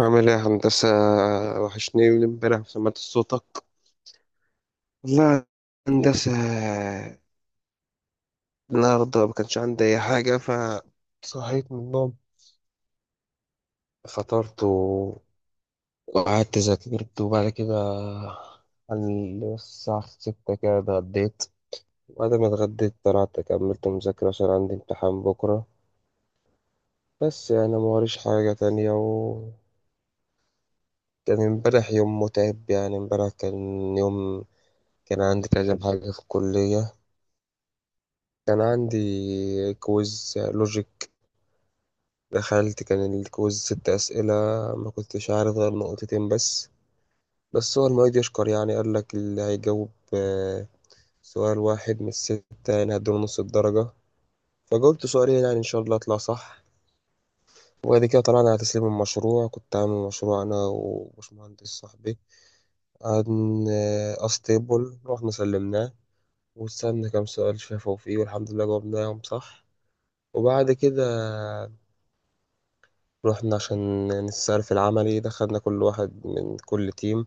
عامل ايه يا هندسة؟ وحشني من امبارح ما سمعت صوتك. والله يا هندسة، النهاردة ما كانش عندي أي حاجة، فصحيت من النوم، فطرت وقعدت ذاكرت، وبعد كده على الساعة 6 كده اتغديت، وبعد ما اتغديت طلعت كملت مذاكرة عشان عندي امتحان بكرة. بس يعني ما وريش حاجة تانية. وكان امبارح يوم متعب، يعني امبارح كان يوم كان عندي كذا حاجة في الكلية. كان عندي كويز لوجيك، دخلت كان الكويز ست أسئلة، ما كنتش عارف غير نقطتين بس هو المعيد يشكر، يعني قال لك اللي هيجاوب سؤال واحد من الستة يعني هدوله نص الدرجة. فجاوبت سؤالين يعني إن شاء الله أطلع صح. وبعد كده طلعنا على تسليم المشروع، كنت عامل مشروع أنا وباشمهندس صاحبي عن أستيبل، رحنا سلمناه واستنى كام سؤال شافوا فيه والحمد لله جاوبناهم صح. وبعد كده رحنا عشان نسأل في العملي، دخلنا كل واحد من كل تيم،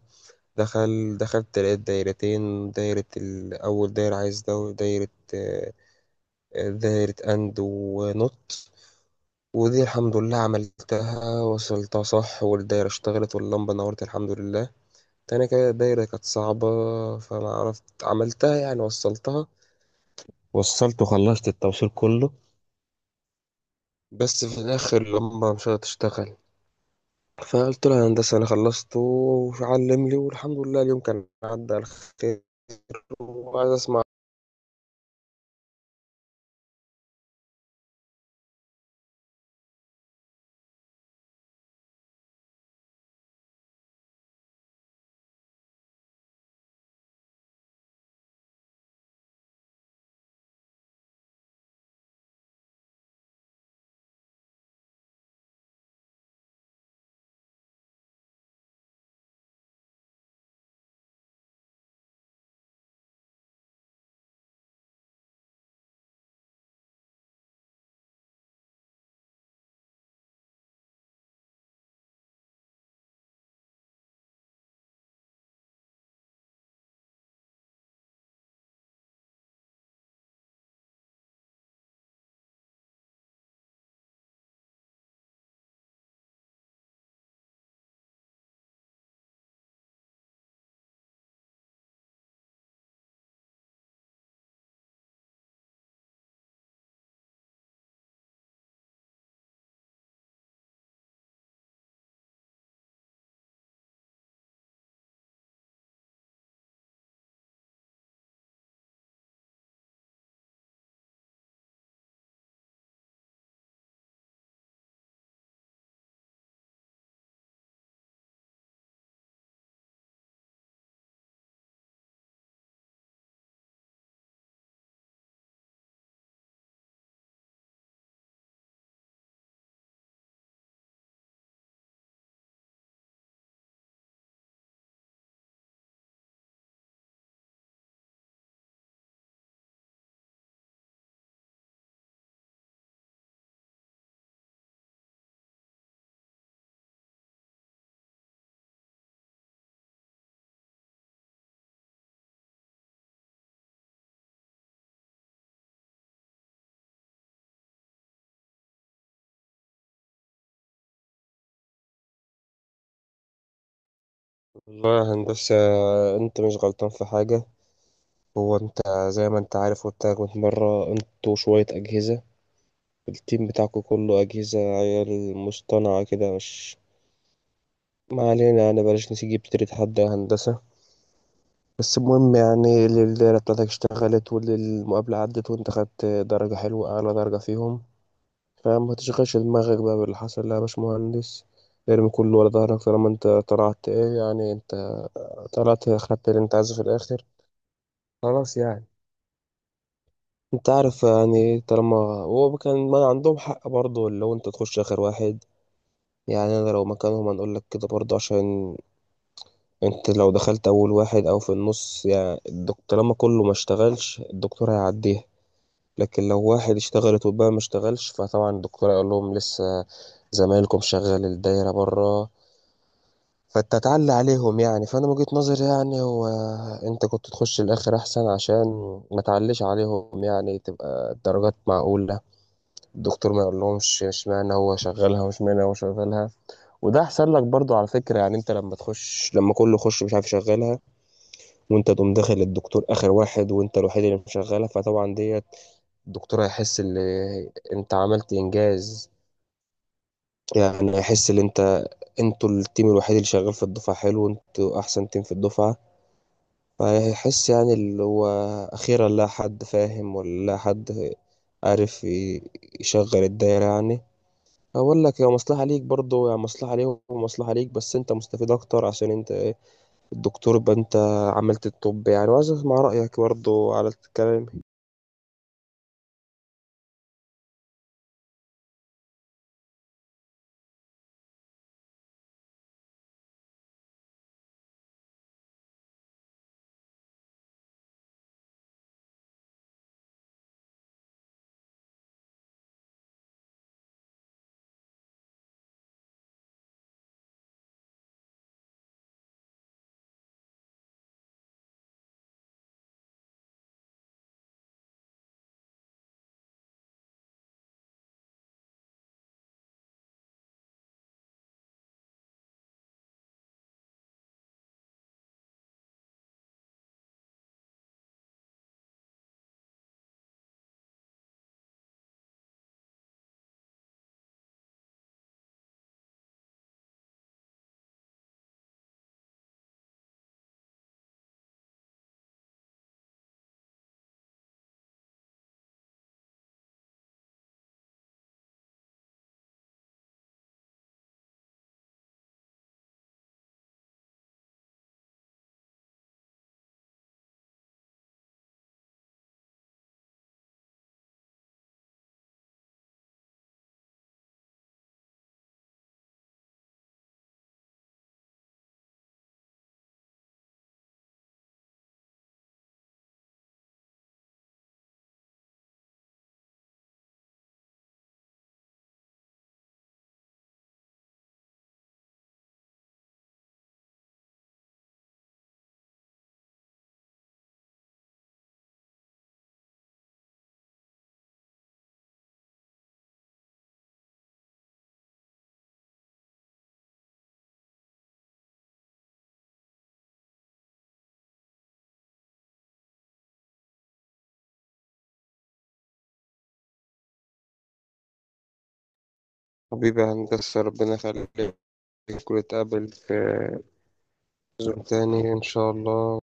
دخلت لقيت دايرتين، دايرة أول دايرة عايز ده، ودايرة آه، دايرة أند ونوت. ودي الحمد لله عملتها وصلتها صح والدايرة اشتغلت واللمبة نورت الحمد لله. تاني كده دايرة كانت صعبة فما عرفت عملتها، يعني وصلتها، وصلت وخلصت التوصيل كله بس في الآخر اللمبة مش هتشتغل. فقلت له يا هندسة أنا خلصت وعلم لي، والحمد لله اليوم كان عدى على خير. وعايز أسمع. والله يا هندسة، أنت مش غلطان في حاجة. هو أنت زي ما أنت عارف، قلت لك من مرة أنتوا شوية أجهزة، التيم بتاعكوا كله أجهزة عيال مصطنعة كده، مش ما علينا. أنا بلاش نسيب تريد حد يا هندسة. بس المهم يعني الليلة بتاعتك اشتغلت والمقابلة عدت وأنت خدت درجة حلوة أعلى درجة فيهم، فاهم؟ ما تشغلش دماغك بقى باللي حصل، لا يا باشمهندس، ارمي كله ورا ظهرك طالما انت طلعت ايه يعني، انت طلعت خدت اللي انت عايزه في الاخر، خلاص يعني. انت عارف يعني ايه، طالما هو كان ما عندهم حق برضه لو انت تخش اخر واحد. يعني انا لو مكانهم هنقول لك كده برضه، عشان انت لو دخلت اول واحد او في النص، يعني الدكتور طالما كله ما اشتغلش الدكتور هيعديها. لكن لو واحد اشتغلت والباقي ما اشتغلش، فطبعا الدكتور هيقول لهم لسه زمايلكم شغال الدايرة بره فتتعلى عليهم يعني. فانا من وجهة نظري يعني، هو انت كنت تخش الاخر احسن عشان ما تعليش عليهم يعني، تبقى الدرجات معقولة، الدكتور ما يقولهمش اشمعنى هو شغالها واشمعنى هو شغالها. وده احسن لك برضو على فكرة، يعني انت لما تخش لما كله يخش مش عارف يشغلها وانت تقوم داخل الدكتور اخر واحد وانت الوحيد اللي مشغلها، فطبعا ديت الدكتور هيحس ان انت عملت انجاز. يعني هيحس ان انت انتوا التيم الوحيد اللي شغال في الدفعة، حلو، انتوا احسن تيم في الدفعة. فهيحس يعني اللي هو أخيرا لا حد فاهم ولا لا حد عارف يشغل الدايرة يعني. أقول لك هي مصلحة ليك برضه، يعني مصلحة ليهم ومصلحة ليك، بس أنت مستفيد أكتر عشان أنت إيه الدكتور يبقى أنت عملت الطب يعني. وعايز أسمع رأيك برضه على الكلام. حبيبي يا هندسة ربنا يخليك، ونتقابل في زوم تاني إن شاء الله.